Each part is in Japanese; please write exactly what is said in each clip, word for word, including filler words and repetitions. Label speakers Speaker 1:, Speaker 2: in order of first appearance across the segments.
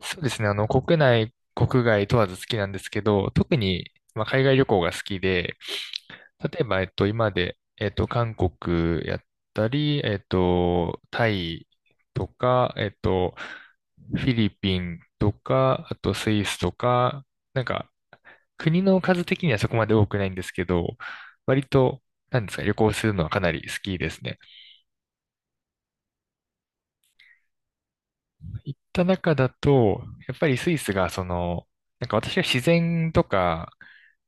Speaker 1: そうですね。あの、国内、国外問わず好きなんですけど、特に、まあ、海外旅行が好きで、例えば、えっと、今まで、えっと、韓国やったり、えっと、タイとか、えっと、フィリピンとか、あとスイスとか、なんか、国の数的にはそこまで多くないんですけど、割と、なんですか、旅行するのはかなり好きですね。行った中だと、やっぱりスイスがその、なんか私は自然とか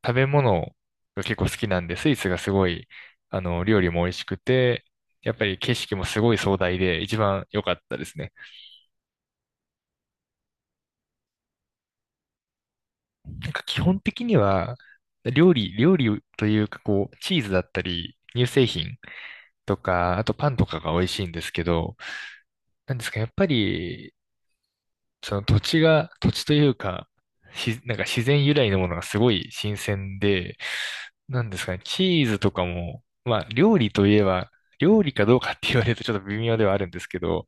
Speaker 1: 食べ物が結構好きなんで、スイスがすごい、あの、料理も美味しくて、やっぱり景色もすごい壮大で一番良かったですね。なんか基本的には、料理、料理というかこう、チーズだったり、乳製品とか、あとパンとかが美味しいんですけど、なんですか、やっぱりその土地が、土地というか、し、なんか自然由来のものがすごい新鮮で、なんですかね、チーズとかも、まあ料理といえば、料理かどうかって言われると ちょっと微妙ではあるんですけど、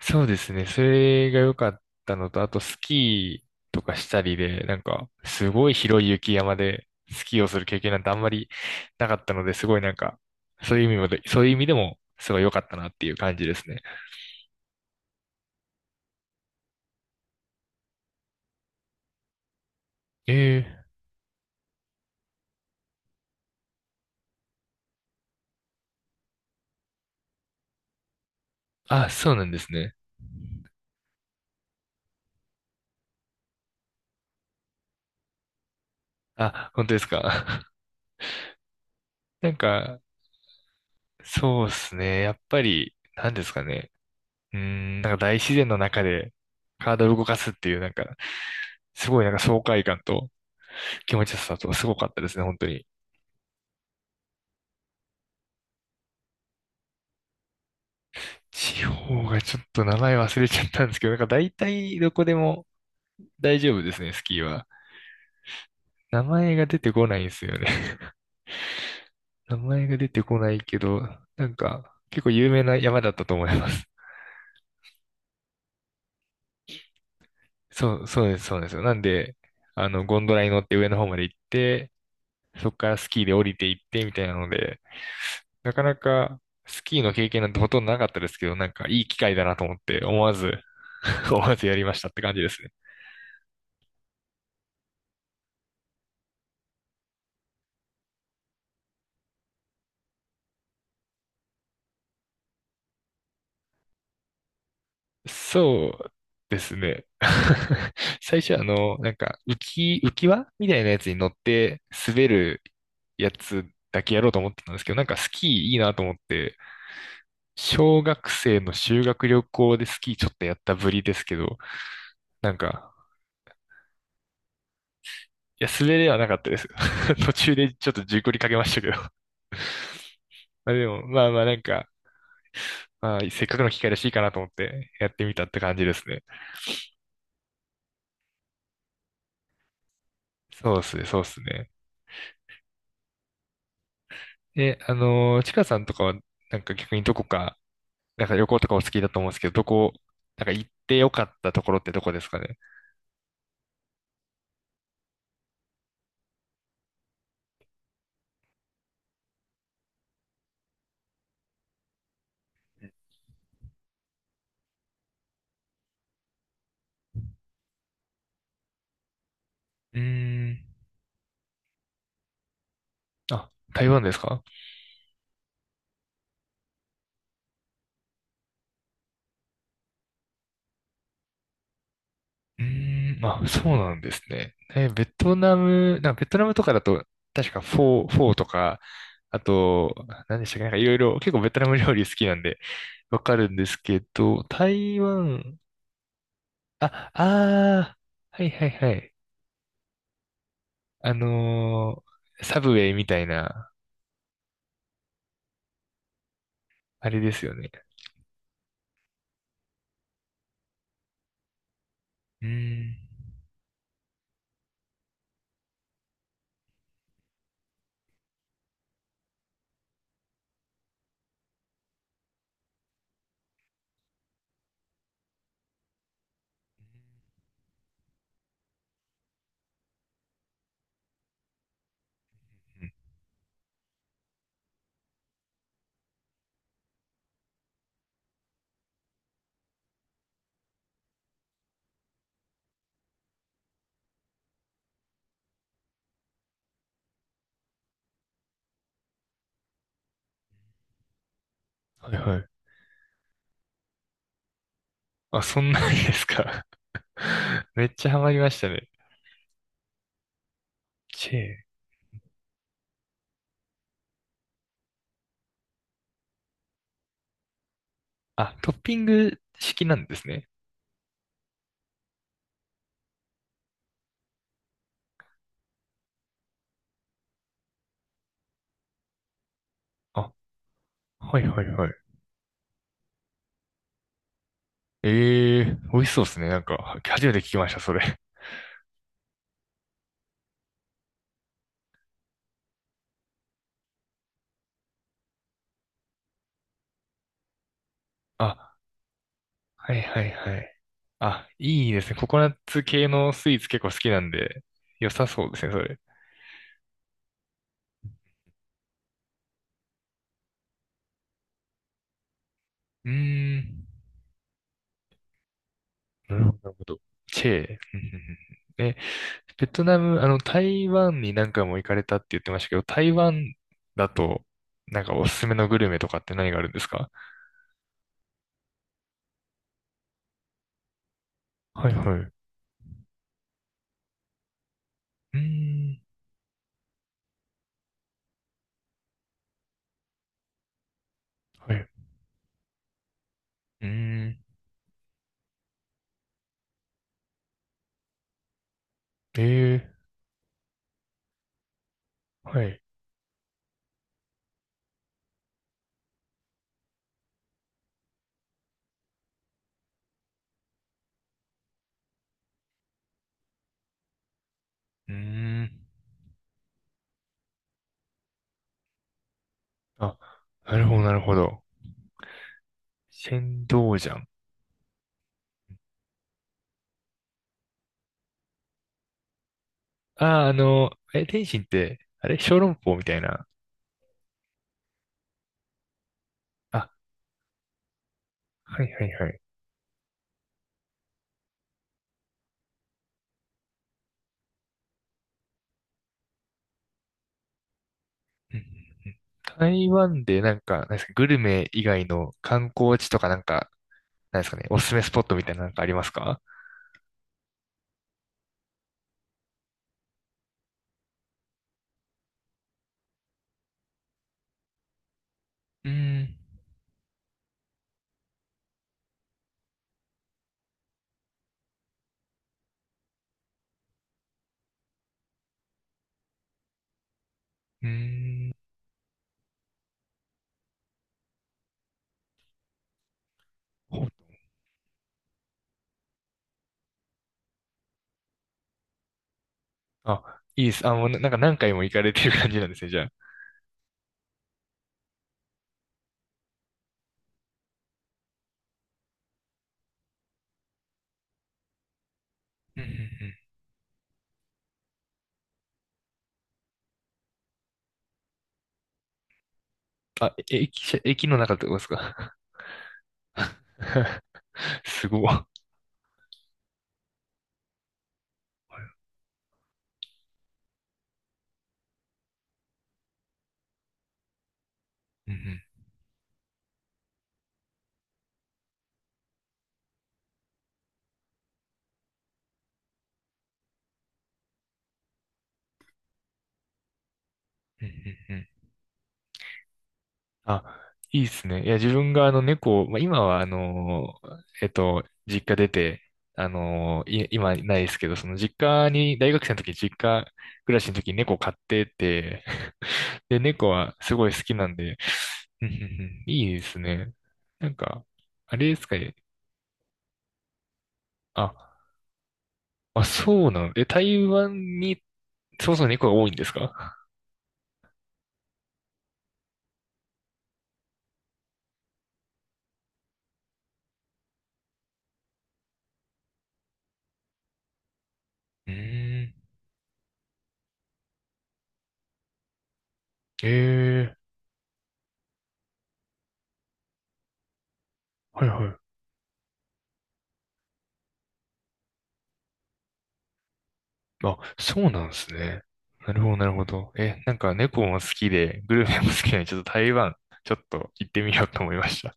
Speaker 1: そうですね、それが良かったのと、あとスキーとかしたりで、なんかすごい広い雪山でスキーをする経験なんてあんまりなかったので、すごいなんか、そういう意味もで、そういう意味でもすごい良かったなっていう感じですね。ええ。あ、そうなんですね。あ、本当ですか。なんか、そうですね。やっぱり、なんですかね。うーん、なんか大自然の中で体を動かすっていう、なんか、すごいなんか爽快感と気持ちよさとすごかったですね、本当に。地方がちょっと名前忘れちゃったんですけど、なんか大体どこでも大丈夫ですね、スキーは。名前が出てこないんですよね。名前が出てこないけど、なんか、結構有名な山だったと思います。そう、そうです、そうですよ。なんで、あの、ゴンドラに乗って上の方まで行って、そこからスキーで降りていってみたいなので、なかなかスキーの経験なんてほとんどなかったですけど、なんかいい機会だなと思って思わず 思わずやりましたって感じですね。そうですね。最初はあの、なんか浮き、浮き輪みたいなやつに乗って滑るやつだけやろうと思ってたんですけど、なんかスキーいいなと思って、小学生の修学旅行でスキーちょっとやったぶりですけど、なんか、いや、滑れはなかったです。途中でちょっと事故りかけましたけど。まあでも、まあまあなんか、まあ、せっかくの機会らしいかなと思ってやってみたって感じですね。そうっすね、そうっすね。え、あのー、ちかさんとかは、なんか逆にどこか、なんか旅行とかお好きだと思うんですけど、どこ、なんか行ってよかったところってどこですかね。うーん。あ、台湾ですか？うーん、まあ、そうなんですね。え、ベトナム、なんかベトナムとかだと、確かフォー、フォーとか、あと、何でしたっけ、なんかいろいろ、結構ベトナム料理好きなんで、わかるんですけど、台湾、あ、あー、はいはいはい。あのーサブウェイみたいな、あれですよね。うーん、はいはい。あ、そんなんですか。めっちゃハマりましたね。チェー。あ、トッピング式なんですね。あ、はいはいはい。ええ。美味しそうですね。なんか、初めて聞きました、それ。あ、はいはいはい。あ、いいですね。ココナッツ系のスイーツ結構好きなんで、良さそうですね、それ。うーん。なるほど、なるほど。チェー。うんうんうん。え、ベトナム、あの、台湾に何回も行かれたって言ってましたけど、台湾だと、なんかおすすめのグルメとかって何があるんですか？はいはい。うーん。はい。うーん。ええ、はい。うーん。あ、なるほど、なるほど。仙道ジャン。ああ、あの、え、天津って、あれ小籠包みたいな。あ、はいはいはい。うんうんうん。台湾でなんか、なんですか、グルメ以外の観光地とかなんか、なんですかね、おすすめスポットみたいななんかありますか？うーん、うーん、ほ、あ、いいです。あ、もうななんか何回も行かれてる感じなんですね、じゃあ。うんうんうん。あ、え、駅舎、駅の中ってことですか？ すごい。うんうんうんうんうん。あ、いいですね。いや、自分があの猫を、まあ、今はあの、えっと、実家出て、あの、い、今ないですけど、その実家に、大学生の時、実家暮らしの時に猫飼ってて、で、猫はすごい好きなんで、うんうんうん。いいですね。なんか、あれですかね。あ、あ、そうなの。え、台湾に、そもそも猫が多いんですか？うーん。ええ、はいはい。あ、そうなんですね。なるほど、なるほど。え、なんか猫も好きで、グルメも好きなので、ちょっと台湾、ちょっと行ってみようと思いました。